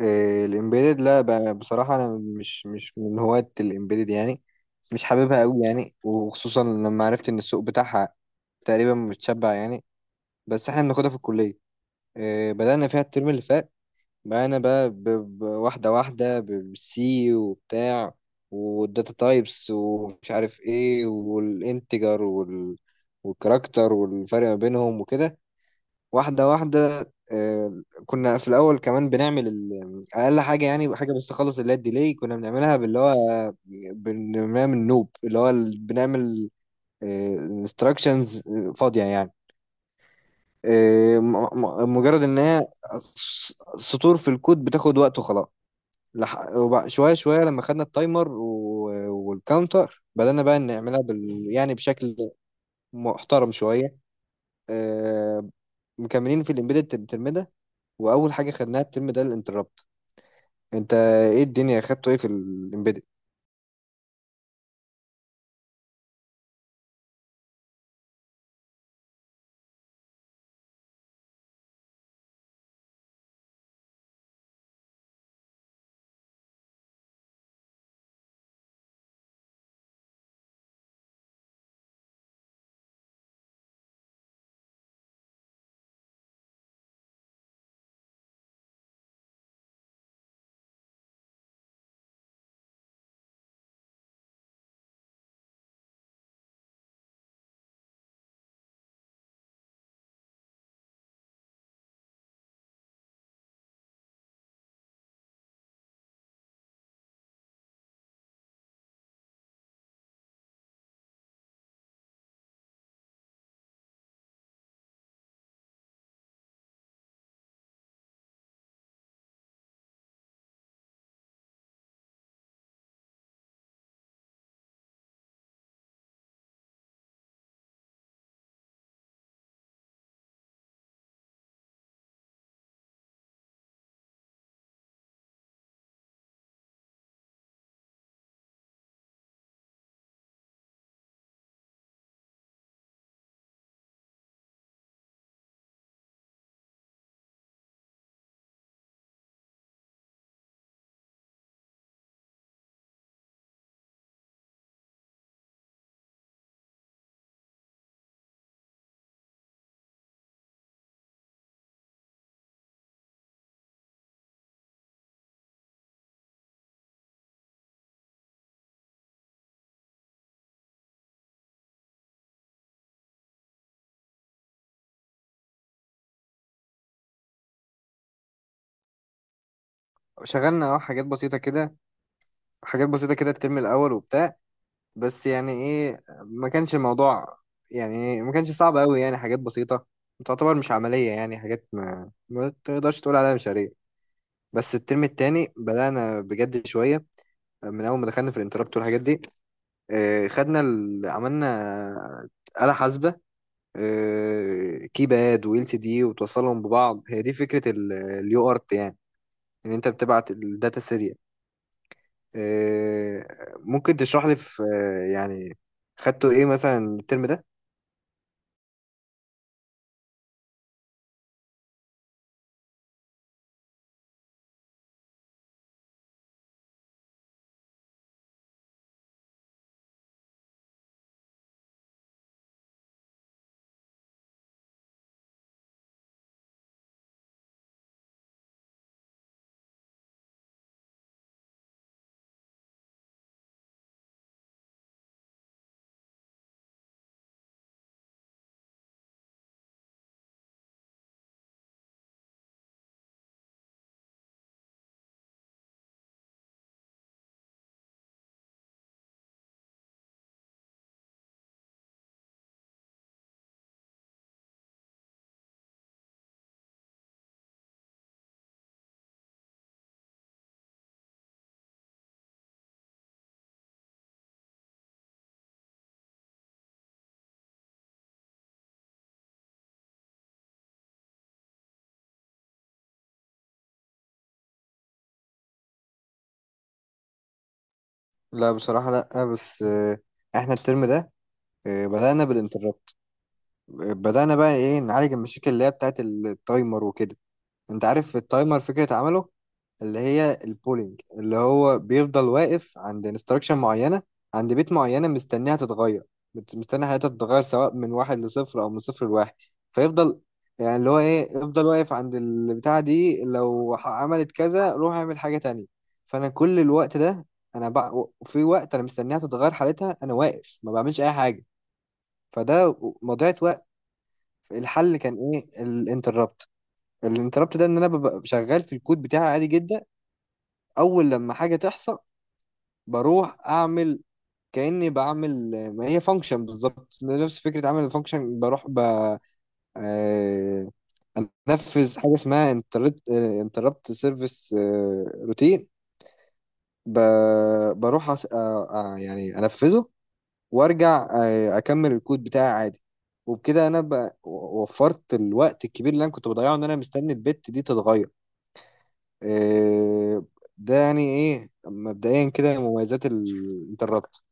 إيه، الامبيدد. لا، بصراحة أنا مش من هواة الامبيدد يعني. مش حاببها أوي يعني، وخصوصا لما عرفت إن السوق بتاعها تقريبا متشبع يعني. بس إحنا بناخدها في الكلية. إيه، بدأنا فيها الترم اللي فات. بدأنا بقى واحدة واحدة بالسي وبتاع، والداتا تايبس ومش عارف إيه، والانتجر والكاركتر والفرق ما بينهم وكده، واحدة واحدة. آه، كنا في الأول كمان بنعمل أقل حاجة يعني، حاجة بس تخلص، اللي هي الديلي كنا بنعملها باللي هو بنعمل نوب، اللي هو بنعمل انستراكشنز فاضية يعني. آه، مجرد إن هي سطور في الكود بتاخد وقت وخلاص. شوية شوية لما خدنا التايمر والكاونتر بدأنا بقى نعملها يعني بشكل محترم شوية. آه، مكملين في الإمبيدد، واول حاجه خدناها الترم ده الانتربت. انت ايه الدنيا خدته ايه في الامبيدد؟ شغلنا اه، حاجات بسيطه كده، حاجات بسيطه كده الترم الاول وبتاع. بس يعني ايه، ما كانش الموضوع، يعني إيه، ما كانش صعب قوي يعني، حاجات بسيطه تعتبر مش عمليه يعني، حاجات ما تقدرش تقول عليها مشاريع. بس الترم التاني بدأنا بجد شوية، من أول ما دخلنا في الانتربت والحاجات دي. آه، خدنا عملنا آه، آلة حاسبة، آه، كيباد وال سي دي وتوصلهم ببعض، هي دي فكره اليو ارت يعني، ان انت بتبعت الداتا سيريال. آه، ممكن تشرح لي في آه، يعني خدته ايه مثلا الترم ده؟ لا، بصراحه لا، بس آه، احنا الترم ده آه، بدانا بالانتربت. بدانا بقى ايه، نعالج المشاكل اللي هي بتاعت التايمر وكده. انت عارف التايمر فكره عمله اللي هي البولينج، اللي هو بيفضل واقف عند انستراكشن معينة، عند بيت معينة مستنيها تتغير، مستني حياتها تتغير سواء من واحد لصفر أو من صفر لواحد. فيفضل يعني اللي هو إيه، يفضل واقف عند البتاعة دي، لو عملت كذا روح اعمل حاجة تانية. فأنا كل الوقت ده، أنا في وقت أنا مستنيها تتغير حالتها، أنا واقف ما بعملش أي حاجة. فده مضيعة وقت. الحل كان إيه؟ الانتربت. الانتربت ده إن أنا ببقى شغال في الكود بتاعي عادي جدا، اول لما حاجه تحصل بروح اعمل، كاني بعمل ما هي فانكشن بالظبط، نفس فكره عمل الفانكشن، بروح ب آه، انفذ حاجه اسمها انتربت، انتربت سيرفيس روتين. بروح آه، آه، يعني انفذه وارجع، آه، اكمل الكود بتاعي عادي. وبكده انا وفرت الوقت الكبير اللي انا كنت بضيعه ان انا مستني البت دي تتغير. آه، ده يعني ايه مبدئيا كده مميزات الانتربت.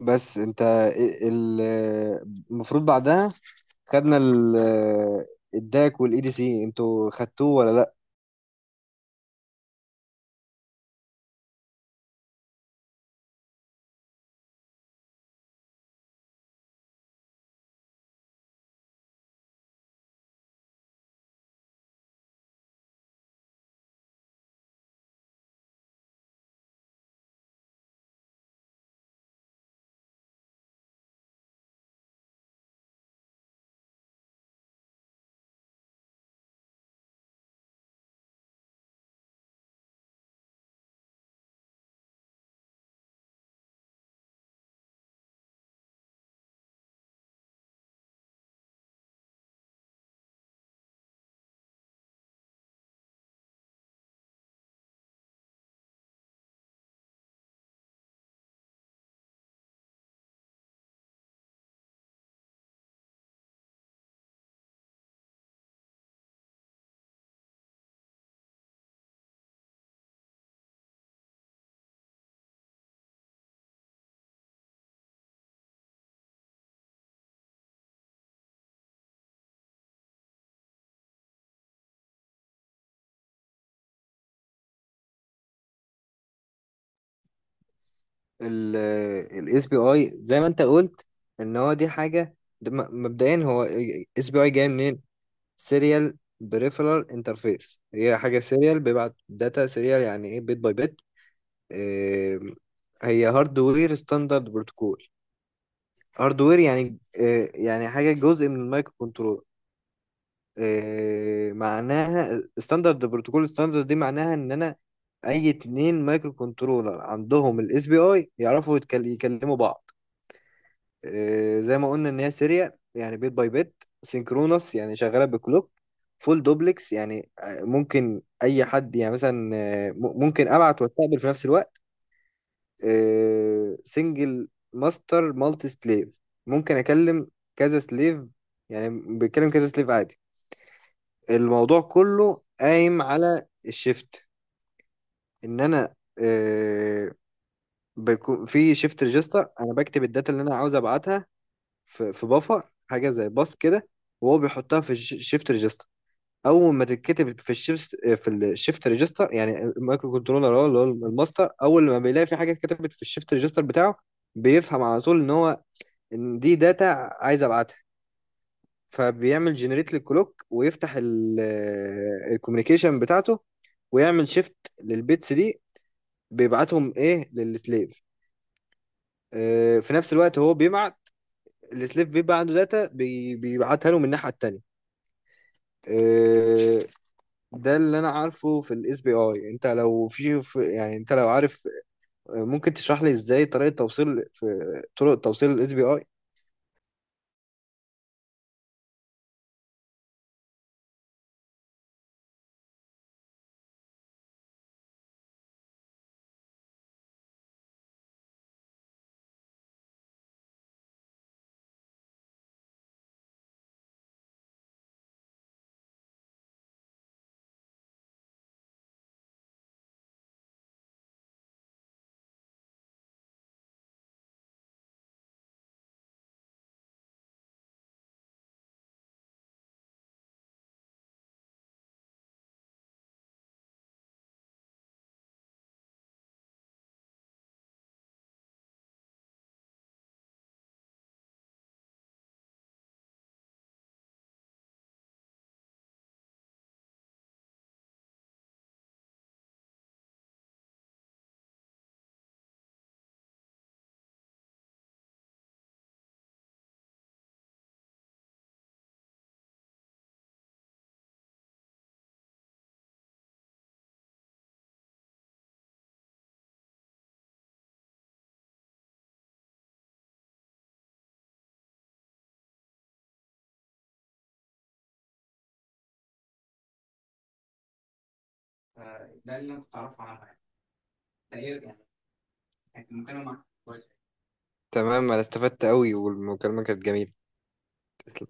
بس انت المفروض بعدها خدنا الداك والاي دي سي، انتوا خدتوه ولا لا؟ الاس بي اي زي ما انت قلت ان هو دي حاجه، ده مبدئيا هو اس بي اي جاي منين؟ سيريال بريفرال انترفيس. هي حاجه سيريال، بيبعت داتا سيريال، يعني ايه بيت باي بيت. اه، هي هاردوير ستاندرد بروتوكول. هاردوير يعني اه، يعني حاجه جزء من المايكرو كنترول. آه، معناها ستاندرد بروتوكول، ستاندرد دي معناها ان انا اي اتنين مايكرو كنترولر عندهم الاس بي اي يعرفوا يكلموا بعض. آه، زي ما قلنا ان هي سيريال يعني بيت باي بيت. سينكرونس يعني شغاله بكلوك. فول دوبلكس يعني آه، ممكن اي حد يعني مثلا آه، ممكن ابعت واستقبل في نفس الوقت. سنجل ماستر، مالتي سليف. ممكن اكلم كذا سليف، يعني بيتكلم كذا سليف عادي. الموضوع كله قايم على الشيفت، ان انا آه، بيكون في شيفت ريجستر، انا بكتب الداتا اللي انا عاوز ابعتها في بفر حاجه زي باص كده، وهو بيحطها في الشيفت ريجستر. اول ما تتكتب في الشيفت آه، في الشيفت ريجستر يعني المايكرو كنترولر هو اللي هو الماستر، اول ما بيلاقي في حاجه اتكتبت في الشيفت ريجستر بتاعه بيفهم على طول ان هو ان دي داتا عايز ابعتها. فبيعمل جنريت للكلوك، ويفتح الكوميونيكيشن بتاعته، ويعمل شيفت للبيتس دي، بيبعتهم ايه للسليف. آه، في نفس الوقت هو بيبعت، السليف بيبقى عنده داتا بيبعتها له من الناحية التانية. آه، ده اللي انا عارفه في الاس بي اي. انت لو يعني انت لو عارف آه، ممكن تشرح لي ازاي طريقة توصيل، في طرق توصيل الاس بي اي؟ تمام، انا استفدت قوي والمكالمة كانت جميلة.